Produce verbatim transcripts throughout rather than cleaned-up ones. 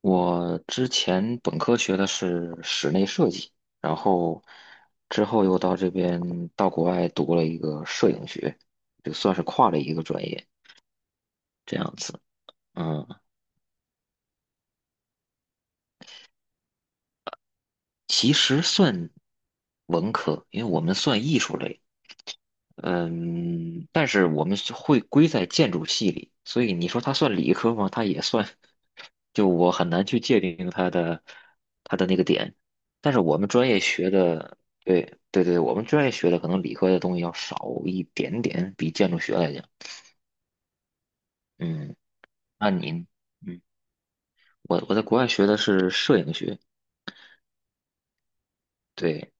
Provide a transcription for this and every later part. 我之前本科学的是室内设计，然后之后又到这边到国外读了一个摄影学，就算是跨了一个专业这样子。嗯，其实算文科，因为我们算艺术类，嗯，但是我们是会归在建筑系里，所以你说它算理科吗？它也算，就我很难去界定它的它的那个点。但是我们专业学的，对对对，我们专业学的可能理科的东西要少一点点，比建筑学来讲。嗯，那您，嗯，我我在国外学的是摄影学，对，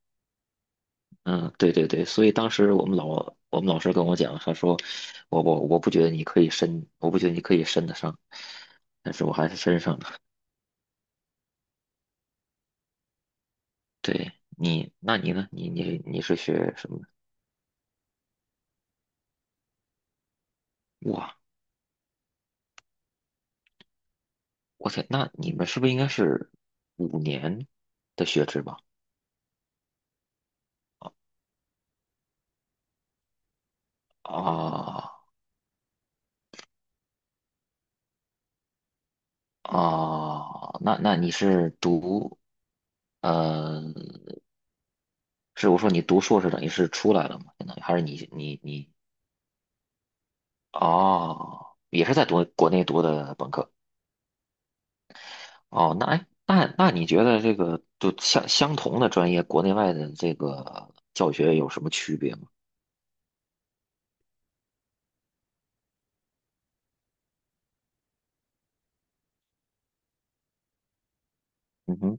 嗯，对对对，所以当时我们老我们老师跟我讲，他说我我我不觉得你可以伸，我不觉得你可以伸得上，但是我还是伸上了。对你，那你呢？你你你是学什么的？哇，我天，那你们是不是应该是五年的学制吧？啊啊，那那你是读呃，是我说你读硕士等于是出来了嘛？相当于还是你你你哦，也是在读国内读的本科？哦，那哎，那那你觉得这个就相相同的专业，国内外的这个教学有什么区别吗？嗯哼，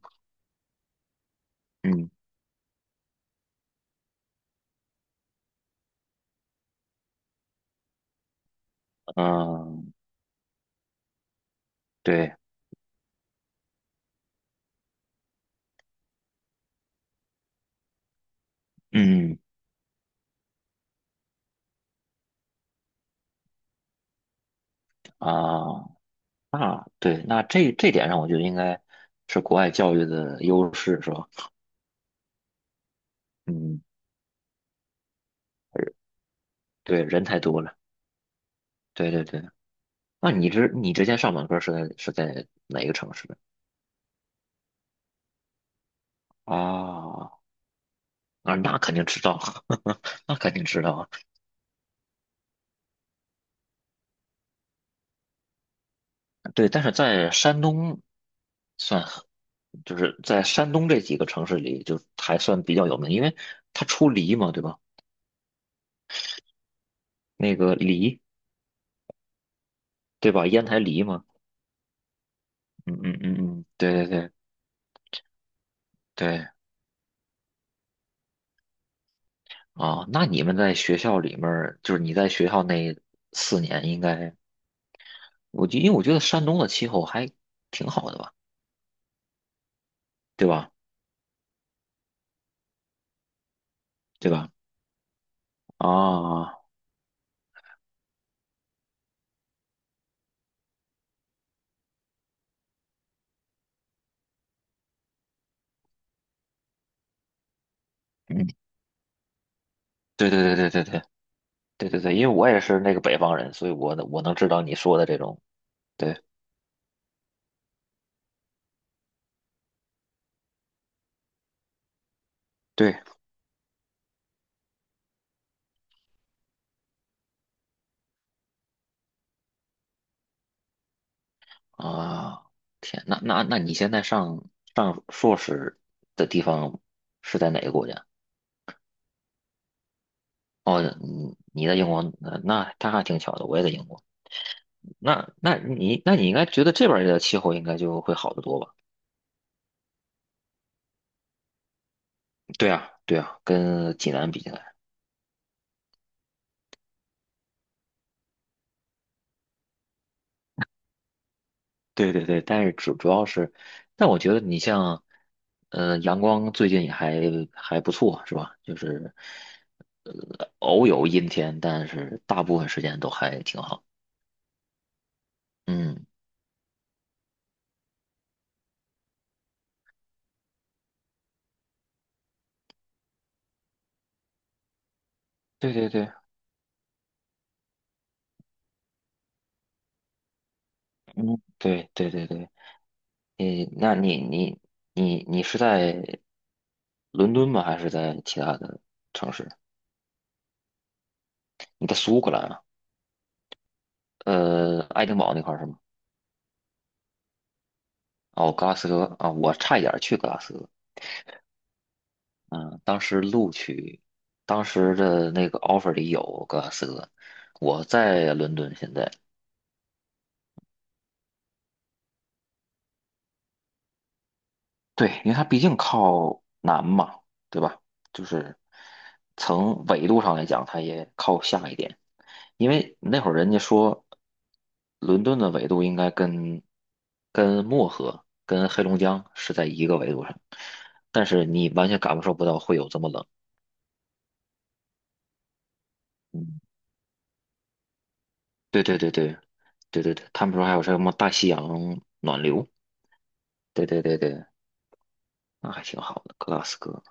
嗯嗯，对，嗯啊，那对，那这这点上，我觉得应该是国外教育的优势，是吧？嗯，对，人太多了，对对对。那你之你之前上本科是在是在哪个城市啊啊，那那肯定知道，那肯定知道啊对，但是在山东算很，就是在山东这几个城市里，就还算比较有名，因为它出梨嘛，对吧？那个梨，对吧？烟台梨嘛，嗯嗯嗯嗯，对对对对，啊，那你们在学校里面儿就是你在学校那四年，应该，我就因为我觉得山东的气候还挺好的吧，对吧？对吧？啊，嗯，对对对对对对对对对，因为我也是那个北方人，所以我能我能知道你说的这种，对对。啊，天，那那那你现在上上硕士的地方是在哪个国家？哦，你你在英国，呃那那他还挺巧的，我也在英国。那那你那你应该觉得这边儿的气候应该就会好得多吧？对啊，对啊，跟济南比起来，对对对，但是主主要是，但我觉得你像，呃，阳光最近也还还不错，是吧？就是，呃，偶有阴天，但是大部分时间都还挺好。嗯，对对对。嗯，对对对对，你那你你你你是在伦敦吗？还是在其他的城市？你在苏格兰啊？呃，爱丁堡那块儿是吗？哦，格拉斯哥啊，我差一点儿去格拉斯哥。嗯，当时录取，当时的那个 offer 里有格拉斯哥。我在伦敦现在，对，因为它毕竟靠南嘛，对吧？就是从纬度上来讲，它也靠下一点。因为那会儿人家说，伦敦的纬度应该跟跟漠河、跟黑龙江是在一个纬度上，但是你完全感受不到会有这么冷。嗯，对对对对对对对，他们说还有什么大西洋暖流，对对对对，那还挺好的，格拉斯哥，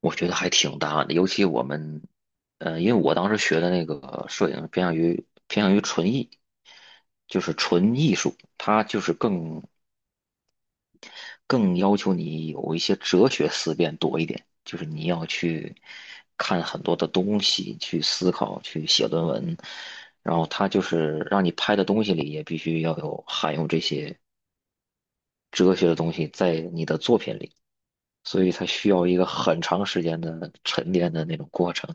我觉得还挺大的，尤其我们，呃，因为我当时学的那个摄影偏向于偏向于纯艺，就是纯艺术，它就是更。更要求你有一些哲学思辨多一点，就是你要去看很多的东西，去思考，去写论文，然后它就是让你拍的东西里也必须要有含有这些哲学的东西在你的作品里，所以它需要一个很长时间的沉淀的那种过程。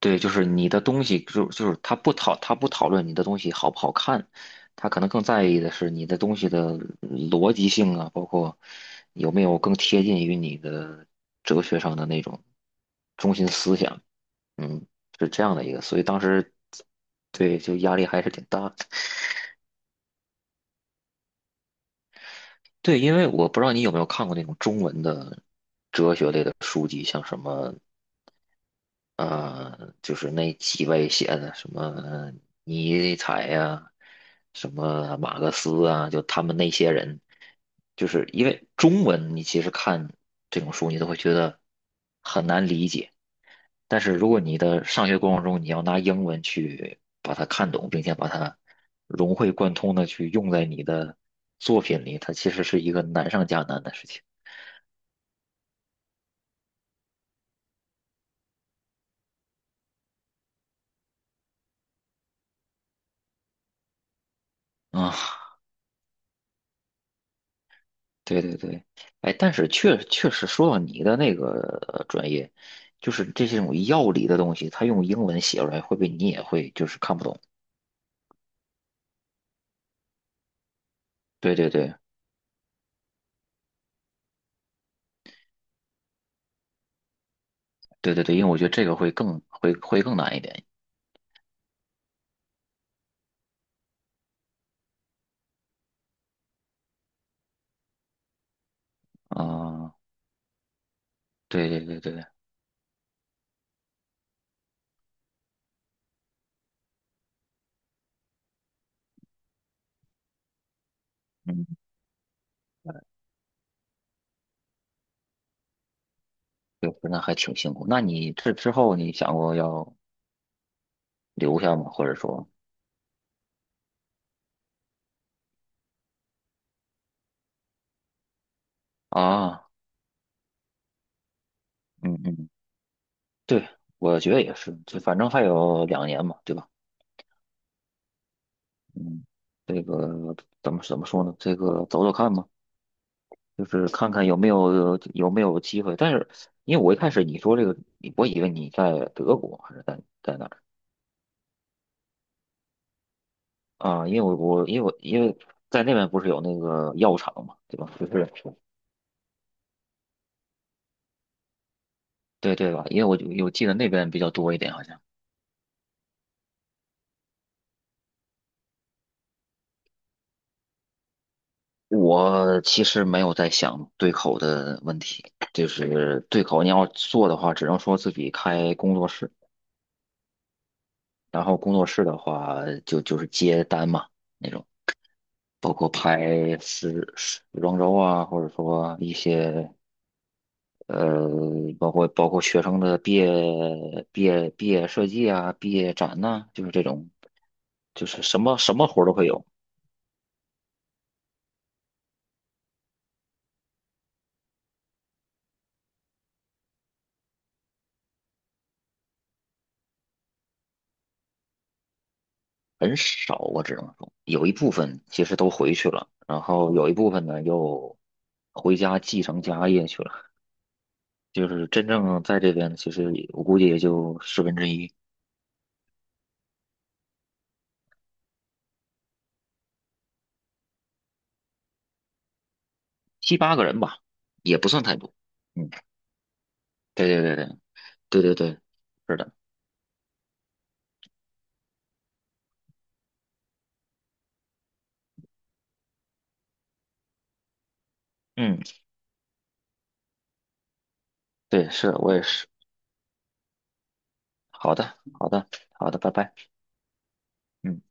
对，就是你的东西，就就是他不讨他不讨论你的东西好不好看，他可能更在意的是你的东西的逻辑性啊，包括有没有更贴近于你的哲学上的那种中心思想，嗯，是这样的一个，所以当时对就压力还是挺大的。对，因为我不知道你有没有看过那种中文的的书籍，像什么呃，就是那几位写的什么尼采呀、什么马克思啊，就他们那些人，就是因为中文你其实看这种书，你都会觉得很难理解。但是如果你的上学过程中，你要拿英文去把它看懂，并且把它融会贯通的去用在你的作品里，它其实是一个难上加难的事情啊。对对对，哎，但是确确实说到你的那个呃专业，就是这些种药理的东西，它用英文写出来，会不会你也会就是看不懂？对对对对对对，因为我觉得这个会更会会更难一点啊。对对对对，嗯，对，那还挺辛苦。那你这之后你想过要留下吗？或者说啊，嗯嗯，对，我觉得也是，就反正还有两年嘛，对吧？嗯，这个怎么怎么说呢？这个走走看吧。就是看看有没有有没有机会。但是因为我一开始你说这个，我以为你在德国还是在在哪儿啊？因为我我因为我因为在那边不是有那个药厂嘛，对吧？就是对对吧？因为我就有记得那边比较多一点，好像。我其实没有在想对口的问题，就是对口你要做的话，只能说自己开工作室。然后工作室的话，就就是接单嘛那种，包括拍时时装周啊，或者说一些呃，包括包括学生的毕业毕业毕业设计啊、毕业展呐、就是这种，就是什么什么活儿都会有，很少我只能说有一部分其实都回去了，然后有一部分呢又回家继承家业去了，就是真正在这边其实也我估计也就十分之一。七八个人吧，也不算太多。嗯，对对对对对对对，是的，嗯，对，是我也是。好的，好的，好的，拜拜。嗯。